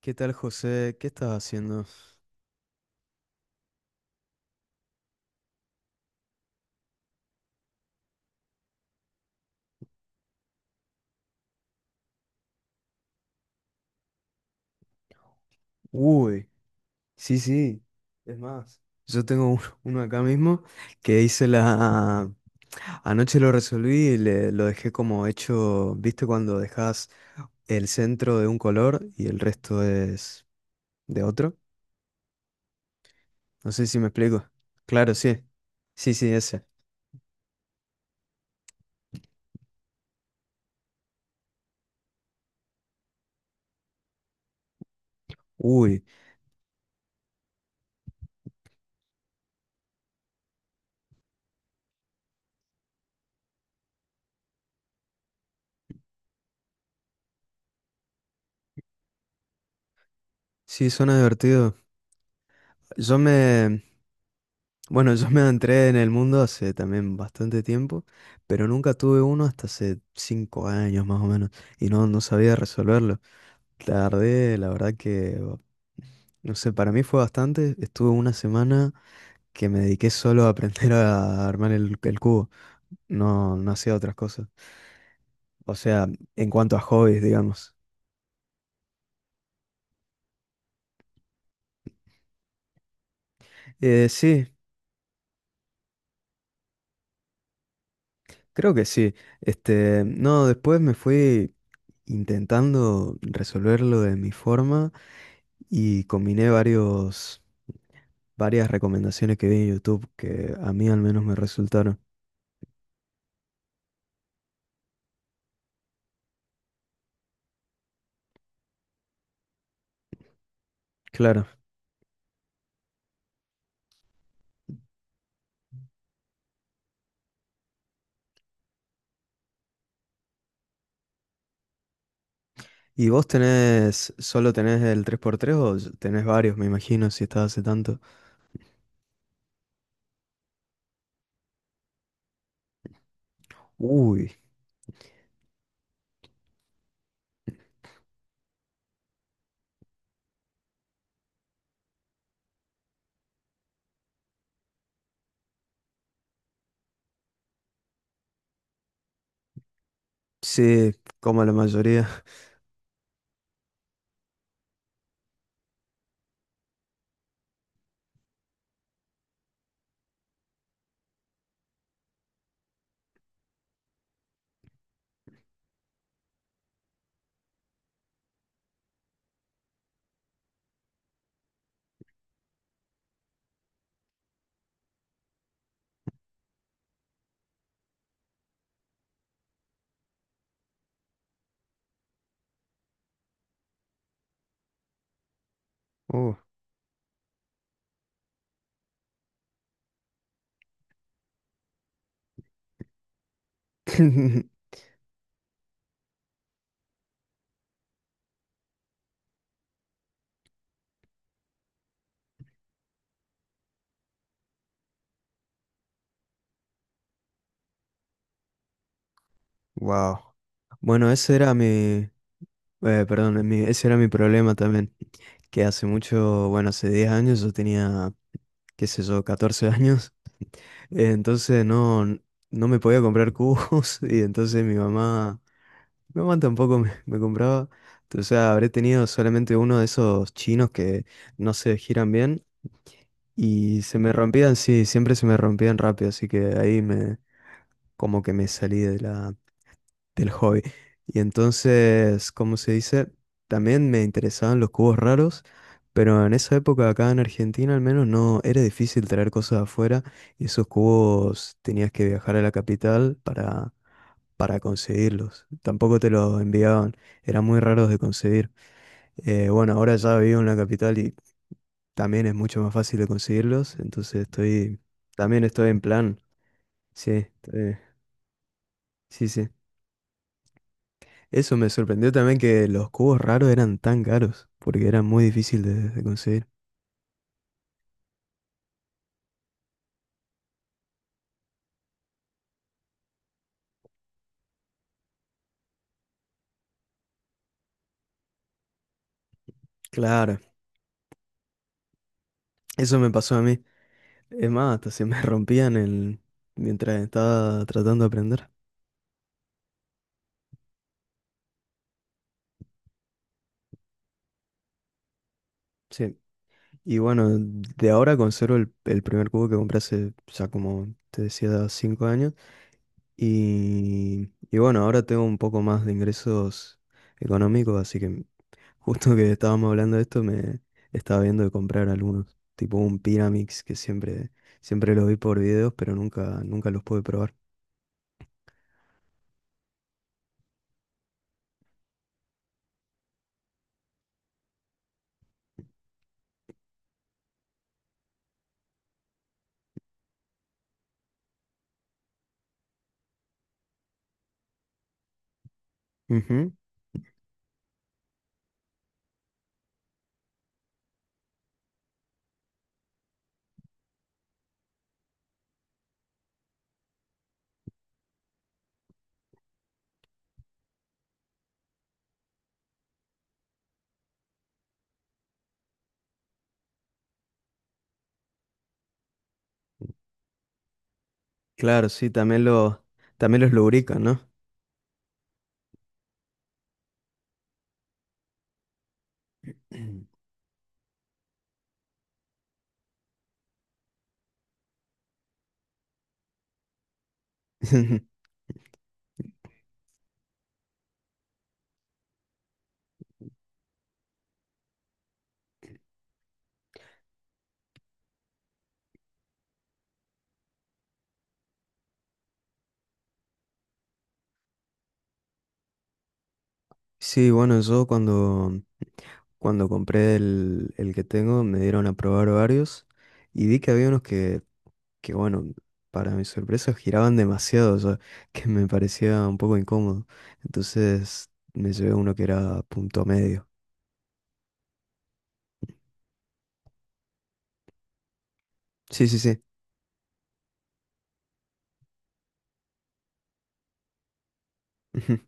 ¿Qué tal, José? ¿Qué estás haciendo? Uy, sí, sí. Es más, yo tengo uno acá mismo que hice la. Anoche lo resolví y lo dejé como hecho. ¿Viste cuando dejas el centro de un color y el resto es de otro? No sé si me explico. Claro, sí. Sí, sí, ese. Uy, sí, suena divertido. Yo me. Bueno, yo me entré en el mundo hace también bastante tiempo, pero nunca tuve uno hasta hace 5 años más o menos, y no sabía resolverlo. Tardé, la verdad que, no sé, para mí fue bastante. Estuve una semana que me dediqué solo a aprender a armar el cubo. No, no hacía otras cosas. O sea, en cuanto a hobbies, digamos. Sí, creo que sí. Este, no, después me fui intentando resolverlo de mi forma. Y combiné varias recomendaciones que vi en YouTube que a mí al menos me resultaron. Claro. ¿Y solo tenés el 3x3 o tenés varios, me imagino, si estás hace tanto? Uy, sí, como la mayoría. Uh. Wow. Bueno, perdón, ese era mi problema también, que hace mucho, bueno, hace 10 años yo tenía, qué sé yo, 14 años. Entonces no me podía comprar cubos y entonces mi mamá tampoco me compraba. O sea, habré tenido solamente uno de esos chinos que no se giran bien y se me rompían, sí, siempre se me rompían rápido, así que como que me salí de del hobby. Y entonces, ¿como se dice? También me interesaban los cubos raros, pero en esa época acá en Argentina al menos no era difícil traer cosas de afuera, y esos cubos tenías que viajar a la capital para conseguirlos. Tampoco te los enviaban, eran muy raros de conseguir. Bueno, ahora ya vivo en la capital y también es mucho más fácil de conseguirlos, entonces también estoy en plan. Sí, sí, sí. Eso me sorprendió también que los cubos raros eran tan caros, porque eran muy difíciles de conseguir. Claro, eso me pasó a mí. Es más, hasta se me rompían el, mientras estaba tratando de aprender. Sí. Y bueno, de ahora conservo el primer cubo que compré hace, ya como te decía, 5 años. Y bueno, ahora tengo un poco más de ingresos económicos, así que justo que estábamos hablando de esto, me estaba viendo de comprar algunos, tipo un Pyramix que siempre, siempre los vi por videos, pero nunca, nunca los pude probar. Ujú. Claro, sí, también los lubrican, ¿no? Sí, bueno, yo cuando compré el que tengo me dieron a probar varios y vi que había unos que bueno, para mi sorpresa giraban demasiado, o sea, que me parecía un poco incómodo. Entonces me llevé uno que era punto medio. Sí, sí, sí. ujú.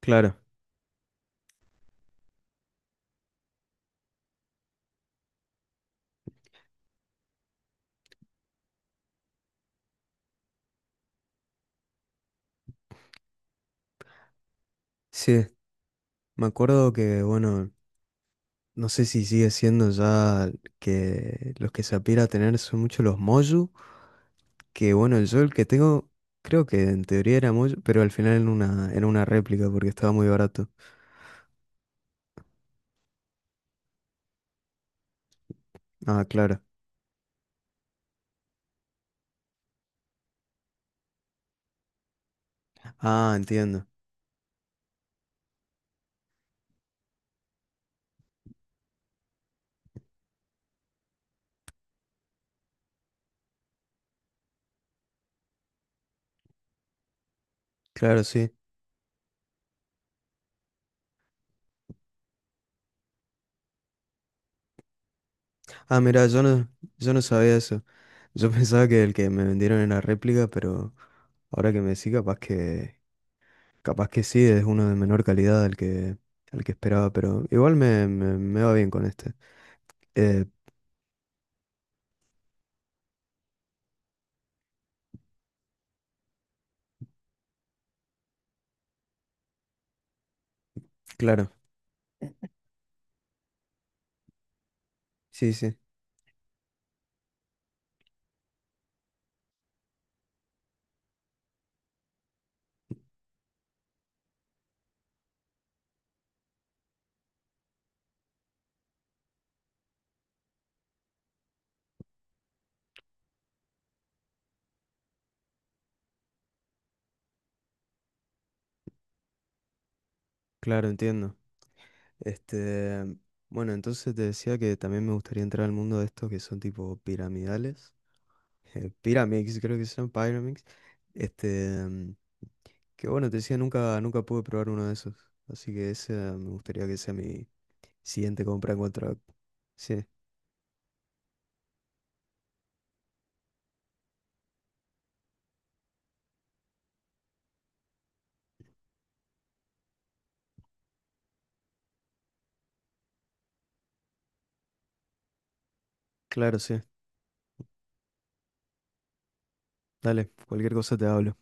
Claro. Sí, me acuerdo que, bueno, no sé si sigue siendo ya que los que se aspira a tener son mucho los Moju, que bueno, yo el que tengo, creo que en teoría era Moju, pero al final era una réplica porque estaba muy barato. Ah, claro. Ah, entiendo. Claro, sí. Ah, mira, yo no sabía eso. Yo pensaba que el que me vendieron era réplica, pero ahora que me decís, capaz que sí, es uno de menor calidad al que esperaba, pero igual me va bien con este. Eh, claro, sí, sí, claro, entiendo. Este, bueno, entonces te decía que también me gustaría entrar al mundo de estos que son tipo piramidales. Pyramix, creo que se llama Pyramix. Este, que bueno, te decía, nunca, nunca pude probar uno de esos. Así que ese me gustaría que sea mi siguiente compra en cuanto a- Sí, claro, sí. Dale, cualquier cosa te hablo.